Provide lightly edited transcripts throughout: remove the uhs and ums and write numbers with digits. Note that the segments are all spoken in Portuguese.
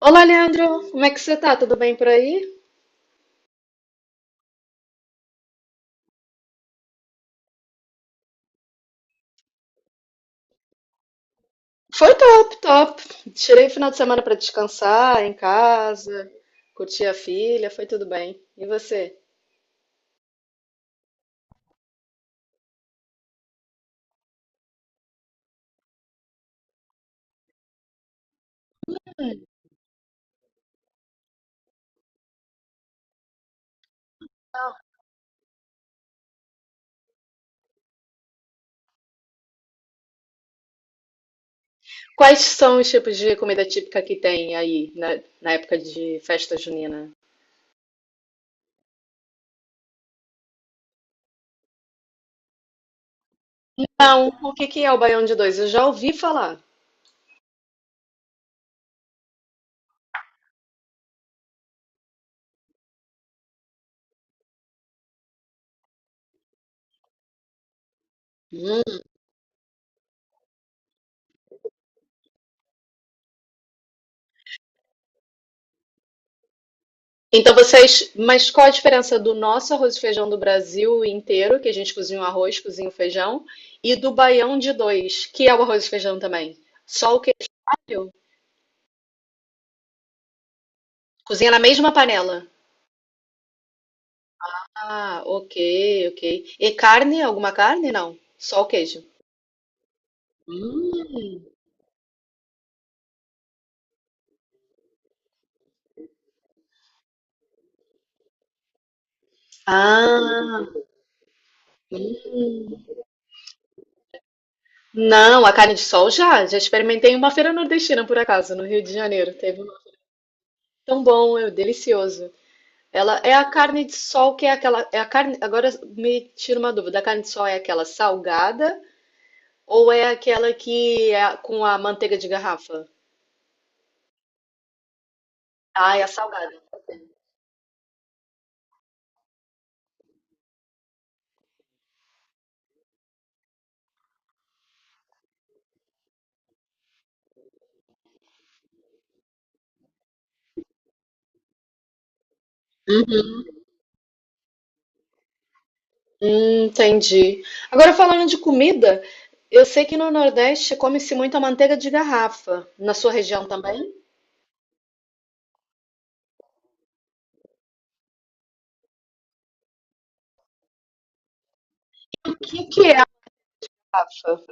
Olá, Leandro, como é que você tá? Tudo bem por aí? Foi top, top. Tirei o final de semana pra descansar em casa, curtir a filha, foi tudo bem. E você? Quais são os tipos de comida típica que tem aí na época de festa junina? Não, o que que é o baião de dois? Eu já ouvi falar. Hum. Então vocês, mas qual a diferença do nosso arroz e feijão do Brasil inteiro, que a gente cozinha o arroz, cozinha o feijão, e do baião de dois, que é o arroz e feijão também? Só o queijo. Cozinha na mesma panela. Ah, ok, ok. E carne? Alguma carne? Não. Só o queijo. Hum. Ah, não, a carne de sol já. Já experimentei em uma feira nordestina, por acaso, no Rio de Janeiro. Teve uma. Tão bom, é delicioso. Ela é a carne de sol que é aquela. É a carne. Agora me tira uma dúvida. A carne de sol é aquela salgada ou é aquela que é com a manteiga de garrafa? Ah, é a salgada. Entendi. Agora falando de comida, eu sei que no Nordeste come-se muito a manteiga de garrafa. Na sua região também? O que que é a garrafa?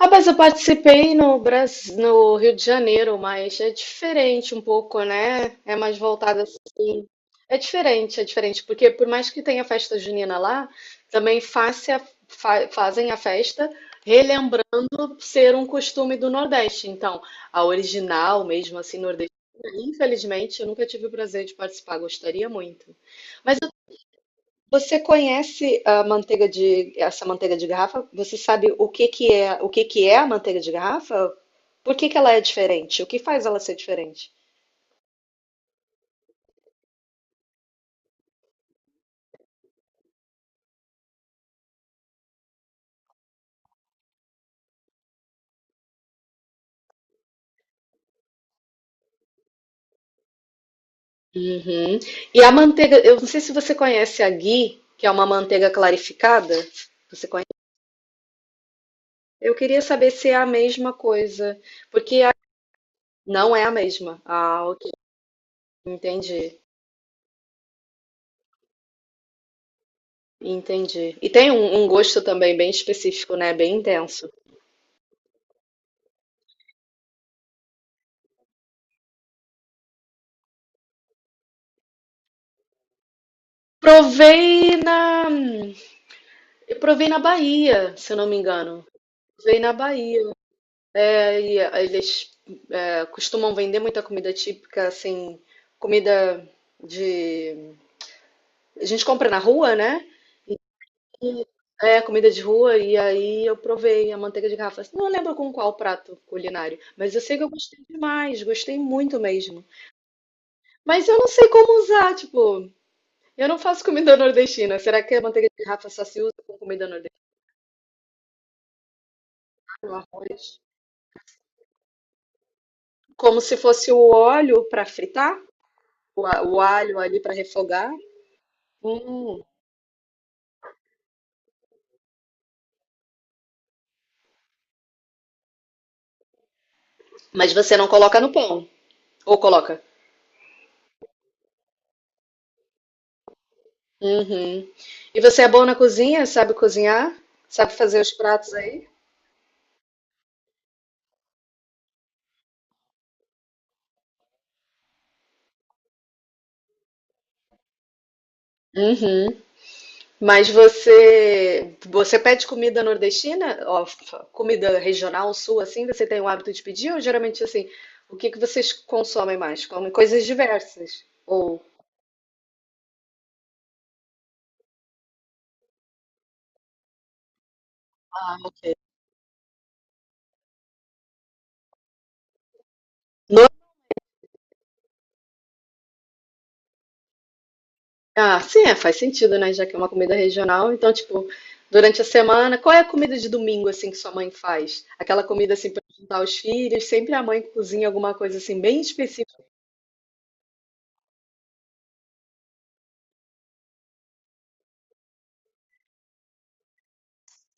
Rapaz, eu participei no Brasil, no Rio de Janeiro, mas é diferente um pouco, né? É mais voltada assim. É diferente, porque por mais que tenha festa junina lá, também fazem a festa ser um costume do Nordeste. Então, a original, mesmo assim, nordestina, infelizmente, eu nunca tive o prazer de participar, gostaria muito. Mas você conhece a manteiga de, essa manteiga de garrafa? Você sabe o que que é, o que que é a manteiga de garrafa? Por que que ela é diferente? O que faz ela ser diferente? Uhum. E a manteiga, eu não sei se você conhece a ghee, que é uma manteiga clarificada. Você conhece? Eu queria saber se é a mesma coisa, porque a- não é a mesma. Ah, ok. Entendi, entendi. E tem um gosto também bem específico, né? Bem intenso. Provei na, eu provei na Bahia, se eu não me engano. Provei na Bahia. É, eles é, costumam vender muita comida típica, assim, comida de. A gente compra na rua, né? E, é, comida de rua, e aí eu provei a manteiga de garrafa. Não lembro com qual prato culinário, mas eu sei que eu gostei demais, gostei muito mesmo. Mas eu não sei como usar, tipo. Eu não faço comida nordestina. Será que a manteiga de garrafa só se usa com comida nordestina, o arroz? Como se fosse o óleo para fritar, o alho ali para refogar. Hum. Mas você não coloca no pão, ou coloca? Uhum. E você é bom na cozinha? Sabe cozinhar? Sabe fazer os pratos aí? Uhum. Mas você pede comida nordestina, ó, comida regional sul assim, você tem o hábito de pedir ou geralmente assim, o que que vocês consomem mais? Comem coisas diversas ou Ah, ok. No- Ah, sim, é, faz sentido, né? Já que é uma comida regional, então tipo, durante a semana, qual é a comida de domingo assim que sua mãe faz? Aquela comida assim para juntar os filhos, sempre a mãe cozinha alguma coisa assim bem específica.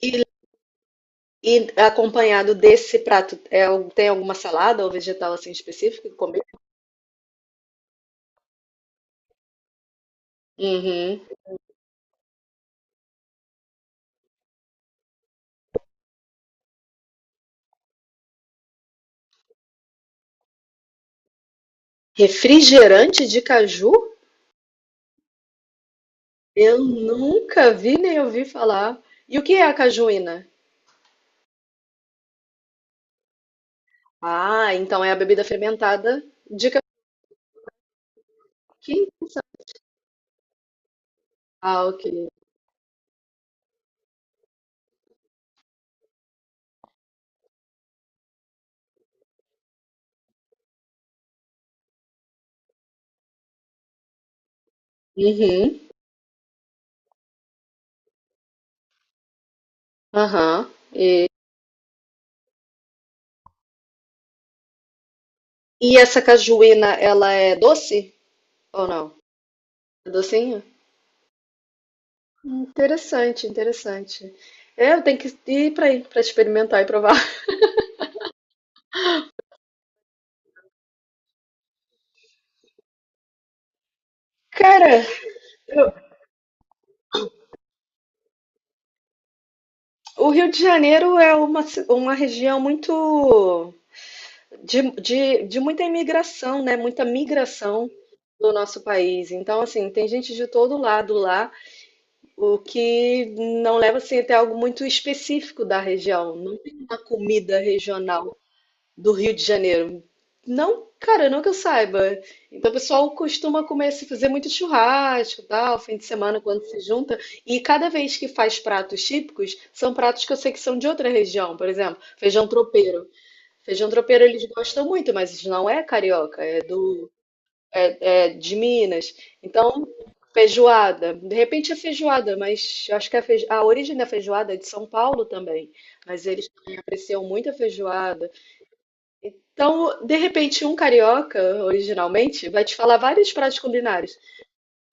E, e acompanhado desse prato, é, al- tem alguma salada ou vegetal assim específico? Uhum. Refrigerante de caju? Eu nunca vi nem ouvi falar. E o que é a cajuína? Ah, então é a bebida fermentada de caju. Que interessante. Ah, ok. Uhum. Aham. E, e essa cajuína, ela é doce ou não? É docinho? Interessante, interessante. É, eu tenho que ir para aí, para experimentar e provar. Cara, eu- o Rio de Janeiro é uma região muito de muita imigração, né? Muita migração do nosso país. Então, assim, tem gente de todo lado lá, o que não leva assim, até algo muito específico da região. Não tem uma comida regional do Rio de Janeiro. Não, cara, não que eu saiba. Então, o pessoal costuma comer, se fazer muito churrasco, tal, fim de semana quando se junta. E cada vez que faz pratos típicos, são pratos que eu sei que são de outra região. Por exemplo, feijão tropeiro. Feijão tropeiro eles gostam muito, mas não é carioca, é do, é de Minas. Então, feijoada. De repente é feijoada, mas eu acho que a, a origem da feijoada é de São Paulo também. Mas eles também apreciam muito a feijoada. Então, de repente, um carioca, originalmente, vai te falar vários pratos culinários.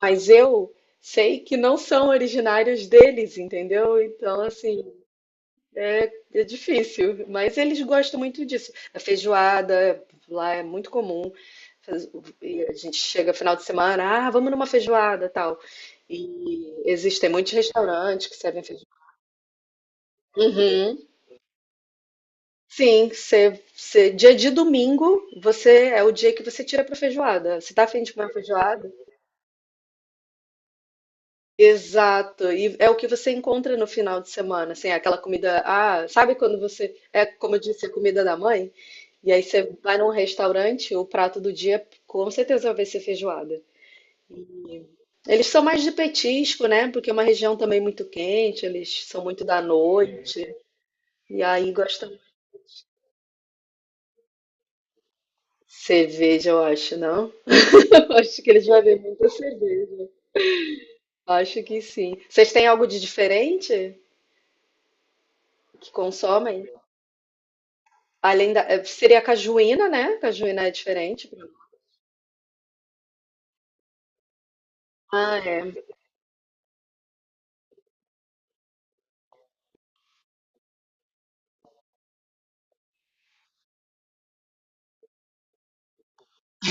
Mas eu sei que não são originários deles, entendeu? Então, assim, é difícil, mas eles gostam muito disso. A feijoada lá é muito comum. Faz- e a gente chega final de semana, ah, vamos numa feijoada, tal. E existem muitos restaurantes que servem feijoada. Uhum. Sim, dia de domingo, você é o dia que você tira para feijoada. Você tá afim de comer uma feijoada? Exato, e é o que você encontra no final de semana, assim, aquela comida, ah, sabe quando você, é como eu disse, a comida da mãe? E aí você vai num restaurante, o prato do dia com certeza vai ser feijoada. Eles são mais de petisco, né? Porque é uma região também muito quente, eles são muito da noite. E aí gostam cerveja, eu acho, não? Eu acho que eles vão ver muita cerveja. Acho que sim. Vocês têm algo de diferente que consomem? Além da, eh, seria a cajuína, né? Cajuína é diferente. Ah, é.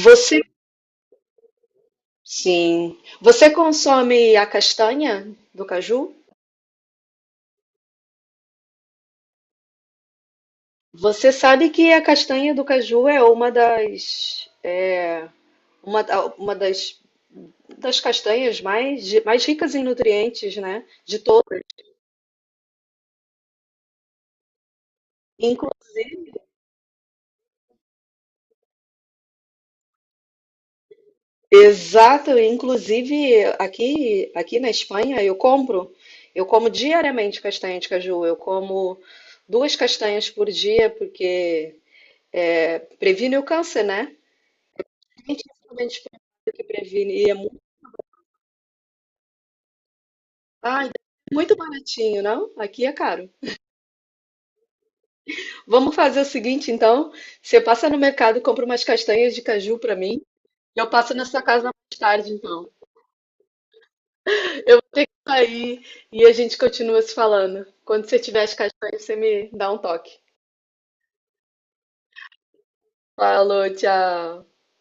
Você, sim. Você consome a castanha do caju? Você sabe que a castanha do caju é uma das é, uma das, das castanhas mais ricas em nutrientes, né? De todas. Inclusive, exato, inclusive aqui, aqui na Espanha eu compro, eu como diariamente castanha de caju, eu como duas castanhas por dia porque é, previne o câncer, né? Principalmente porque previne e é muito, ai, muito baratinho, não? Aqui é caro. Vamos fazer o seguinte, então. Você passa no mercado, compra umas castanhas de caju pra mim. E eu passo na sua casa mais tarde, então. Eu vou ter que sair e a gente continua se falando. Quando você tiver as castanhas, você me dá um toque. Falou, tchau.